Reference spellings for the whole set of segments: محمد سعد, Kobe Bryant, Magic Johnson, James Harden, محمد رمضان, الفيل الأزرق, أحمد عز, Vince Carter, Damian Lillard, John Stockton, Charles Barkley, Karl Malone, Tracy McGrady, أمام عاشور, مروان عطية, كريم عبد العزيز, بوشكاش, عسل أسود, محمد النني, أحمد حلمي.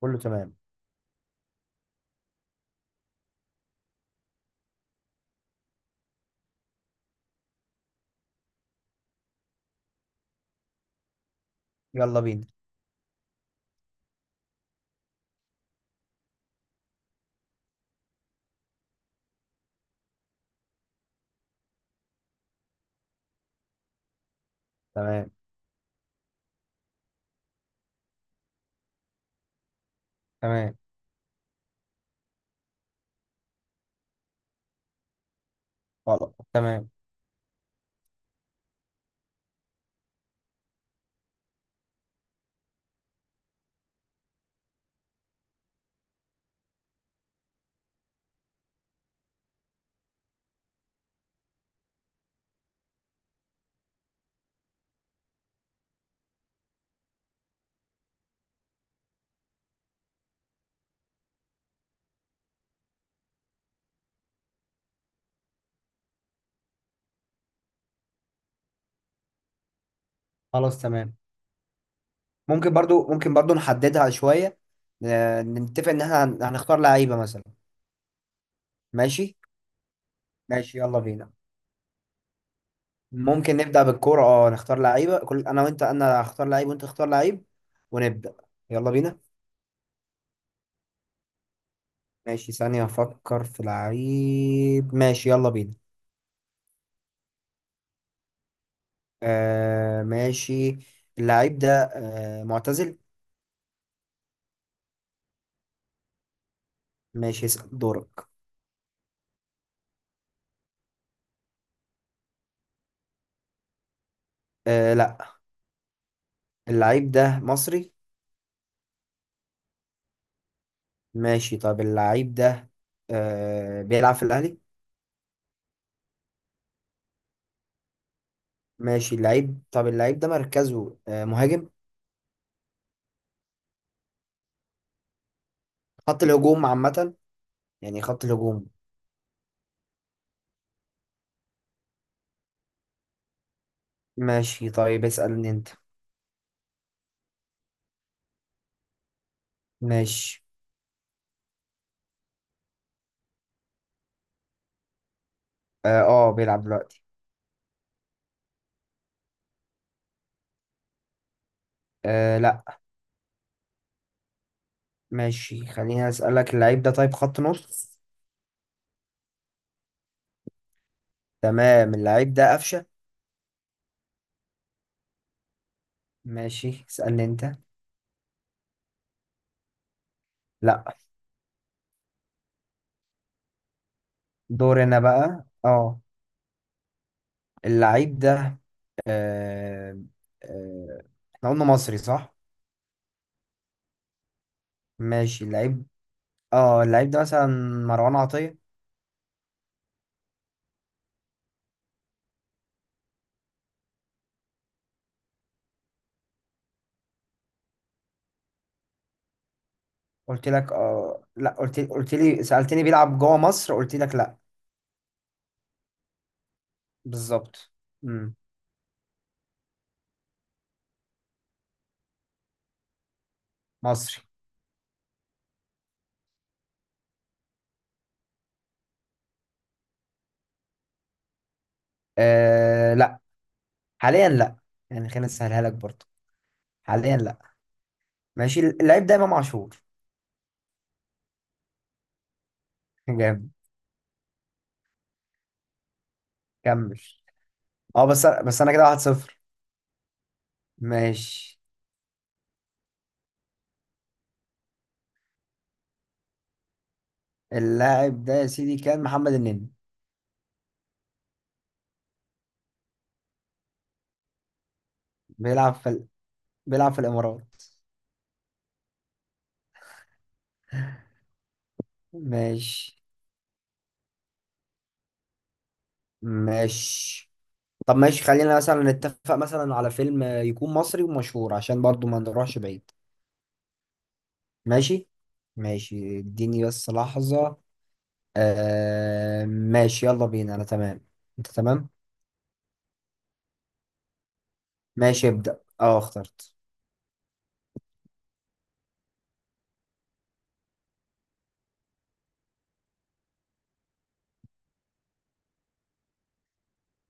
كله تمام. يلا بينا. تمام، تمام. خلاص تمام. خلاص تمام. ممكن برضو نحددها شوية. نتفق ان احنا هنختار لعيبة مثلا. ماشي. ماشي يلا بينا. ممكن نبدأ بالكورة، نختار لعيبة، كل انا وانت، انا هختار لعيب وانت تختار لعيب ونبدأ. يلا بينا. ماشي، ثانية افكر في لعيب. ماشي يلا بينا. آه، ماشي. اللعيب ده معتزل. ماشي، اسأل دورك. آه، لا. اللعيب ده مصري. ماشي، طب اللعيب ده بيلعب في الأهلي. ماشي طب اللعيب ده مركزه مهاجم. خط الهجوم عامة. يعني خط الهجوم. ماشي، طيب اسألني أنت. ماشي، اه، بيلعب دلوقتي. آه، لا. ماشي، خليني أسألك اللعيب ده، طيب خط نص. تمام، اللعيب ده قفشة. ماشي، اسألني أنت. لا. دورنا بقى، اللعيب ده آه آه احنا قلنا مصري صح؟ ماشي اللعيب ده مثلا مروان عطية. قلت لك اه، لا، قلت لي سألتني بيلعب جوه مصر، قلت لك لا. بالظبط. امم. مصري. آه، لا. حاليا لا. يعني خلينا نسهلها لك برضه. حاليا لا. ماشي، اللعيب ده امام عاشور. جامد. كمل. اه، بس انا كده 1-0. ماشي، اللاعب ده يا سيدي كان محمد النني. بيلعب في ال... بيلعب في الامارات. ماشي. ماشي، طب ماشي، خلينا مثلا نتفق مثلا على فيلم يكون مصري ومشهور عشان برضو ما نروحش بعيد. ماشي. ماشي، اديني بس لحظة. آه ماشي، يلا بينا، انا تمام. انت تمام. ماشي، ابدأ، اخترت.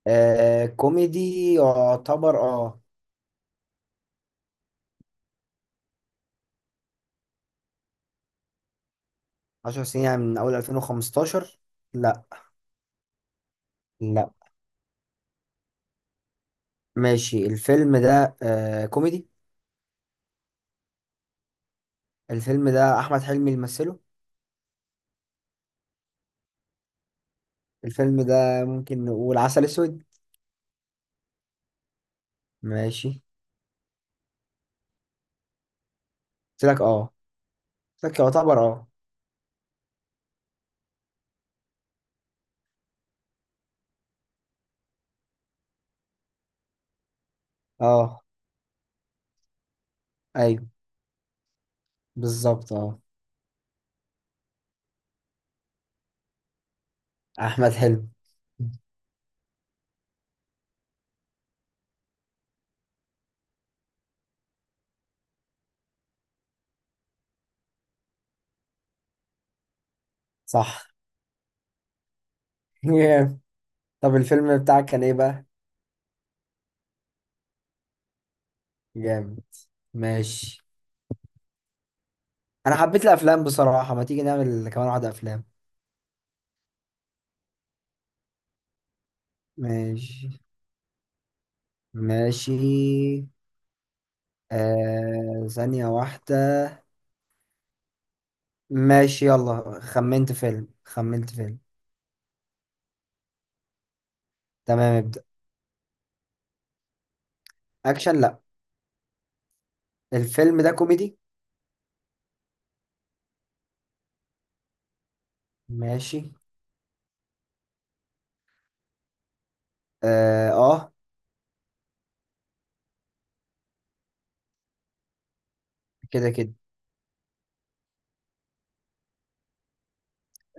آه، كوميدي يعتبر اه. 10 سنين، يعني من اول 2015. لا. لا. ماشي، الفيلم ده كوميدي. الفيلم ده احمد حلمي اللي مثله. الفيلم ده ممكن نقول عسل اسود. ماشي. قلت لك اه. سكة يعتبر اه. اه. ايوه. بالظبط اه. احمد حلمي. صح. جامد. طب الفيلم بتاعك كان ايه بقى؟ جامد. ماشي. انا حبيت الافلام بصراحة، ما تيجي نعمل كمان واحدة افلام. ماشي. ماشي، ثانية واحدة. ماشي يلا، خمنت فيلم، خمنت فيلم. تمام، ابدأ. اكشن لا. الفيلم ده كوميدي. ماشي. اه, آه. كده كده.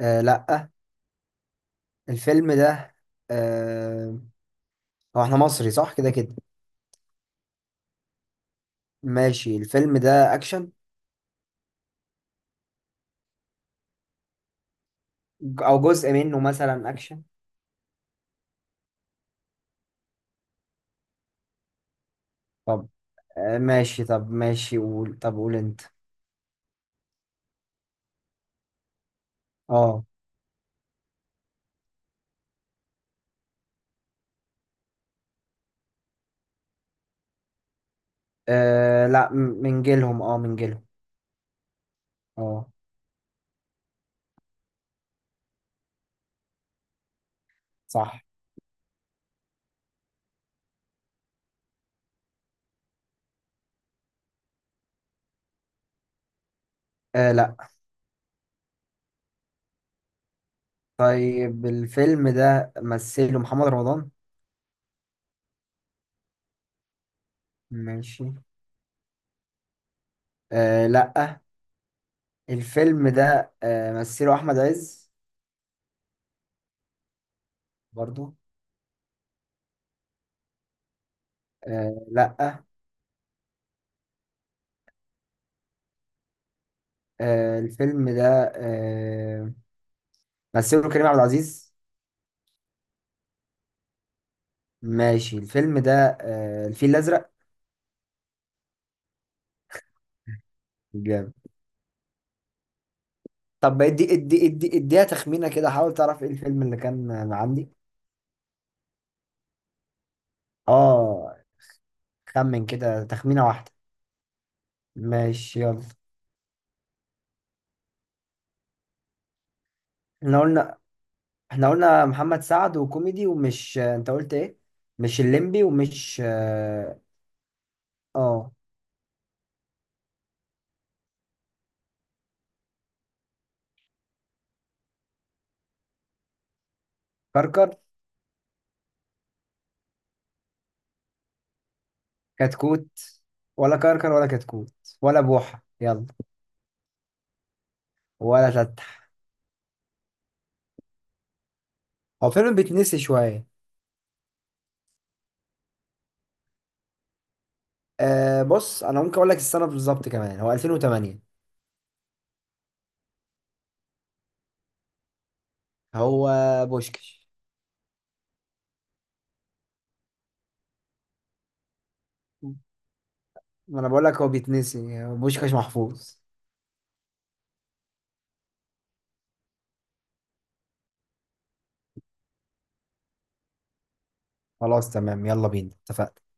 آه، لا. الفيلم ده آه هو احنا مصري صح كده كده؟ ماشي، الفيلم ده اكشن. او جزء منه مثلا اكشن. طب ماشي، طب ماشي، قول، طب قول انت. اه. لا، من جيلهم اه، صح. آه، لا. طيب الفيلم ده مثله محمد رمضان. ماشي. آه، لا. الفيلم ده مثله احمد عز. برضو. آه، لا. آه، الفيلم ده مثله كريم عبد العزيز. ماشي، الفيلم ده الفيل الأزرق. جامد. طب اديها تخمينة كده، حاول تعرف ايه الفيلم اللي كان عندي. اه. خمن كده تخمينة واحدة. ماشي يلا. احنا قلنا احنا قلنا محمد سعد وكوميدي ومش، انت قلت ايه؟ مش الليمبي ومش اه. آه، كركر. كتكوت. ولا كركر ولا كتكوت. ولا بوحة يلا. ولا تتح. هو فيلم بيتنسي شوية. بص، انا ممكن اقول لك السنة بالظبط كمان، هو 2008. هو بوشكش. ما انا بقول لك هو بيتنسي بوشكاش محفوظ. خلاص تمام، يلا بينا اتفقنا.